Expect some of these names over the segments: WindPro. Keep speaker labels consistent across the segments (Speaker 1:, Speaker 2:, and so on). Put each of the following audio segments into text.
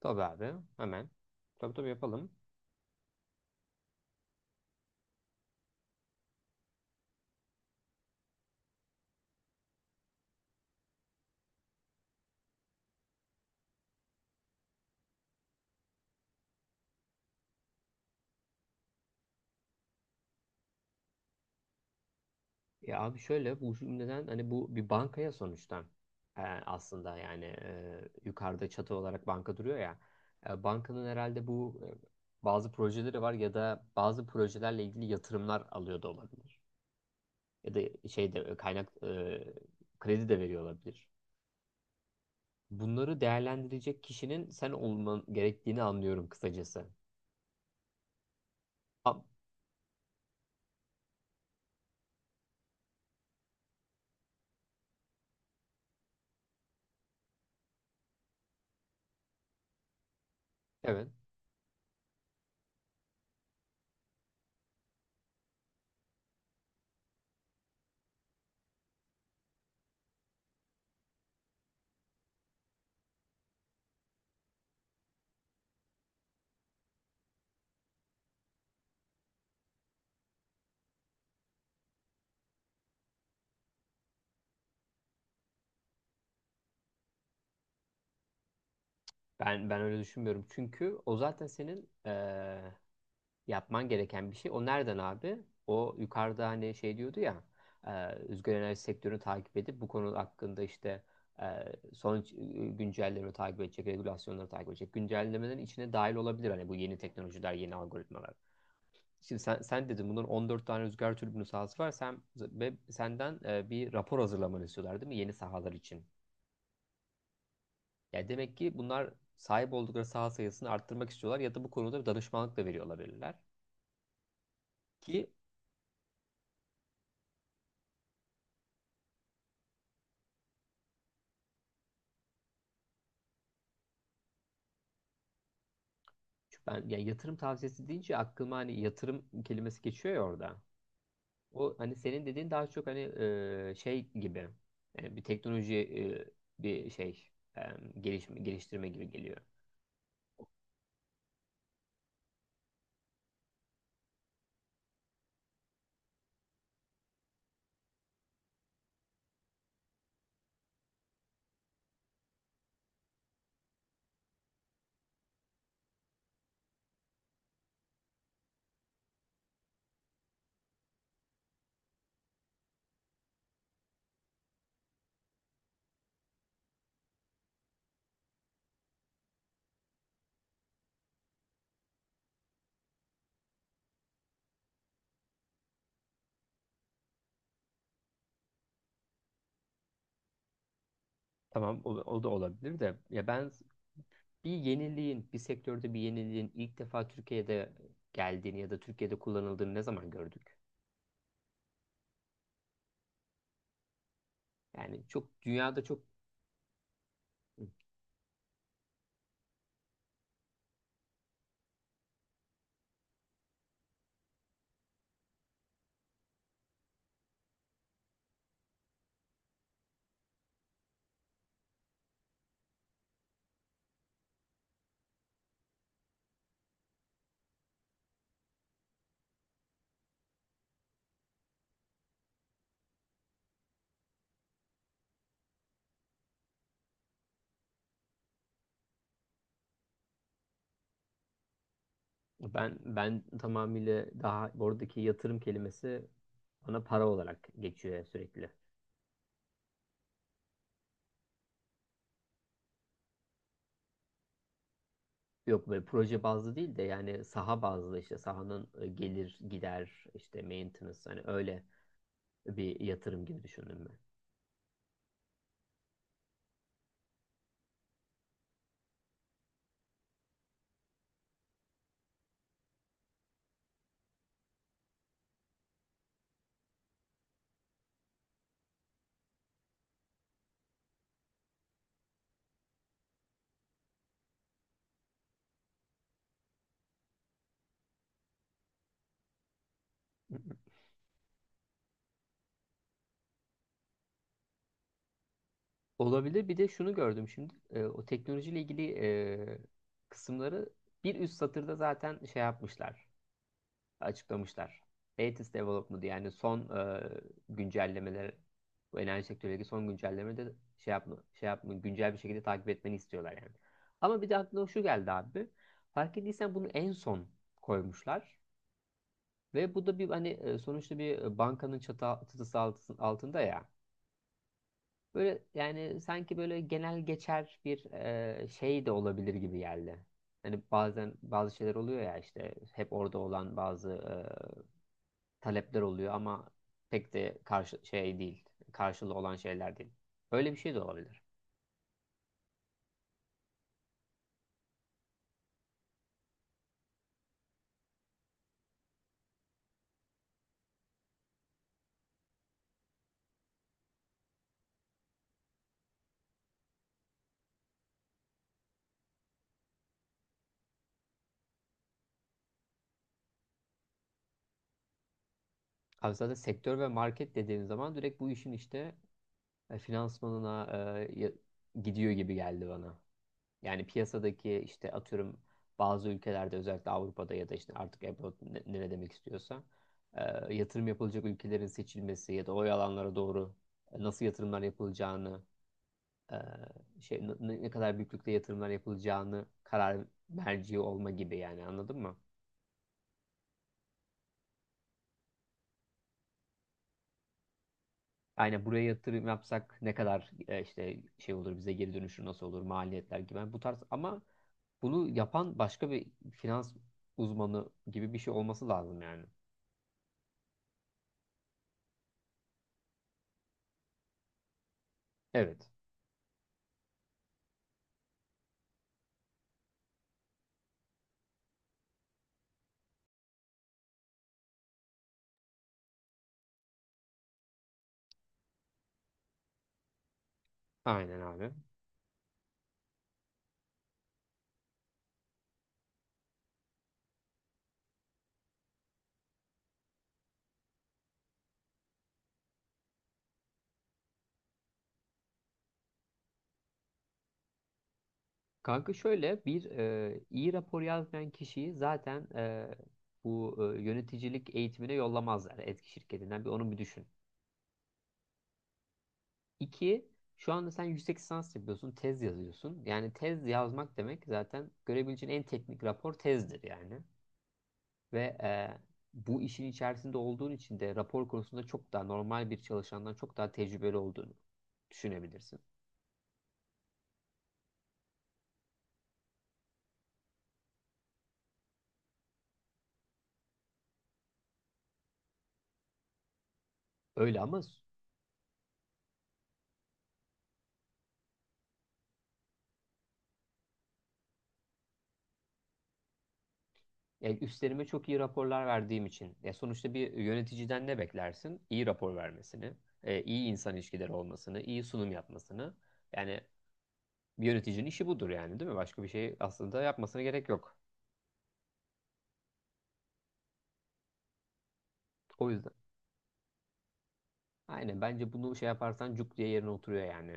Speaker 1: Tabii abi hemen. Tabii yapalım. Ya abi şöyle bu neden hani bu bir bankaya sonuçta aslında yani yukarıda çatı olarak banka duruyor ya. Bankanın herhalde bu bazı projeleri var ya da bazı projelerle ilgili yatırımlar alıyor da olabilir. Ya da şey de kaynak kredi de veriyor olabilir. Bunları değerlendirecek kişinin sen olman gerektiğini anlıyorum kısacası. A- Evet. Ben öyle düşünmüyorum. Çünkü o zaten senin yapman gereken bir şey. O nereden abi? O yukarıda hani şey diyordu ya, rüzgar enerji sektörünü takip edip bu konu hakkında işte e, son güncellemeleri takip edecek, regülasyonları takip edecek. Güncellemelerin içine dahil olabilir hani bu yeni teknolojiler, yeni algoritmalar. Şimdi sen dedin bunun 14 tane rüzgar türbini sahası var. Sen ve senden bir rapor hazırlamanı istiyorlar değil mi? Yeni sahalar için. Yani demek ki bunlar sahip oldukları saha sayısını arttırmak istiyorlar ya da bu konuda bir danışmanlık da veriyor olabilirler. Ki Çünkü ben yani yatırım tavsiyesi deyince aklıma hani yatırım kelimesi geçiyor ya orada. O hani senin dediğin daha çok hani şey gibi yani bir teknoloji bir şey e, gelişme, geliştirme gibi geliyor. Tamam o, o da olabilir de ya ben bir yeniliğin, bir sektörde bir yeniliğin ilk defa Türkiye'de geldiğini ya da Türkiye'de kullanıldığını ne zaman gördük? Yani çok dünyada çok ben tamamıyla daha oradaki yatırım kelimesi bana para olarak geçiyor sürekli. Yok böyle proje bazlı değil de yani saha bazlı işte sahanın gelir gider işte maintenance hani öyle bir yatırım gibi düşündüm ben. Olabilir. Bir de şunu gördüm şimdi. E, o teknolojiyle ilgili e, kısımları bir üst satırda zaten şey yapmışlar, açıklamışlar. Latest development yani son güncellemeler, bu enerji sektöründeki son güncellemeleri de şey yapma, şey yapma, güncel bir şekilde takip etmeni istiyorlar yani. Ama bir de aklıma şu geldi abi. Fark ettiysen bunu en son koymuşlar. Ve bu da bir hani sonuçta bir bankanın çatı, çatısı altı- altında ya. Böyle yani sanki böyle genel geçer bir şey de olabilir gibi geldi. Hani bazen bazı şeyler oluyor ya işte hep orada olan bazı talepler oluyor ama pek de karşı şey değil. Karşılığı olan şeyler değil. Öyle bir şey de olabilir. Abi zaten sektör ve market dediğin zaman direkt bu işin işte finansmanına ya- gidiyor gibi geldi bana. Yani piyasadaki işte atıyorum bazı ülkelerde özellikle Avrupa'da ya da işte artık abroad ne demek istiyorsa yatırım yapılacak ülkelerin seçilmesi ya da o alanlara doğru nasıl yatırımlar yapılacağını e, şey ne kadar büyüklükte yatırımlar yapılacağını karar merci olma gibi yani anladın mı? Aynen buraya yatırım yapsak ne kadar işte şey olur bize geri dönüşü nasıl olur maliyetler gibi. Yani bu tarz ama bunu yapan başka bir finans uzmanı gibi bir şey olması lazım yani. Evet. Aynen abi. Kanka şöyle bir iyi rapor yazmayan kişiyi zaten bu yöneticilik eğitimine yollamazlar etki şirketinden. Bir onu bir düşün. İki, şu anda sen yüksek lisans yapıyorsun, tez yazıyorsun. Yani tez yazmak demek zaten görebileceğin en teknik rapor tezdir yani. Ve bu işin içerisinde olduğun için de rapor konusunda çok daha normal bir çalışandan çok daha tecrübeli olduğunu düşünebilirsin. Öyle ama yani üstlerime çok iyi raporlar verdiğim için. Ya sonuçta bir yöneticiden ne beklersin? İyi rapor vermesini, iyi insan ilişkileri olmasını, iyi sunum yapmasını. Yani bir yöneticinin işi budur yani değil mi? Başka bir şey aslında yapmasına gerek yok. O yüzden. Aynen bence bunu şey yaparsan cuk diye yerine oturuyor yani.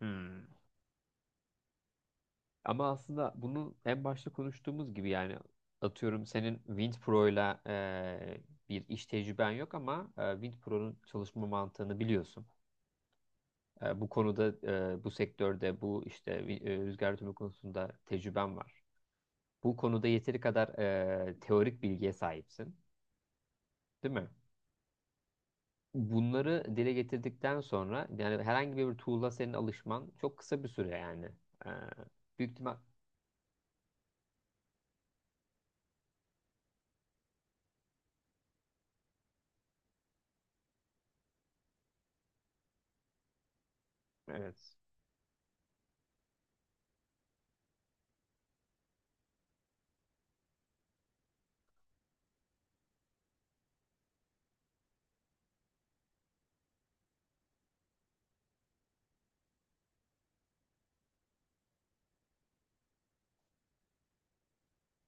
Speaker 1: Hmm. Ama aslında bunu en başta konuştuğumuz gibi yani atıyorum senin WindPro'yla bir iş tecrüben yok ama WindPro'nun çalışma mantığını biliyorsun. Bu konuda, bu sektörde, bu işte rüzgar türbini konusunda tecrüben var. Bu konuda yeteri kadar teorik bilgiye sahipsin, değil mi? Bunları dile getirdikten sonra yani herhangi bir tool'a senin alışman çok kısa bir süre yani. E, büyük ihtimal evet.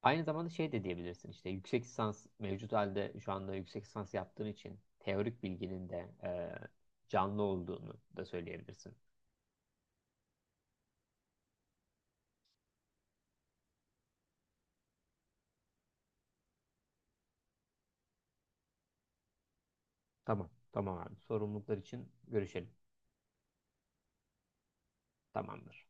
Speaker 1: Aynı zamanda şey de diyebilirsin işte yüksek lisans mevcut halde şu anda yüksek lisans yaptığın için teorik bilginin de canlı olduğunu da söyleyebilirsin. Tamam, tamam abi. Sorumluluklar için görüşelim. Tamamdır.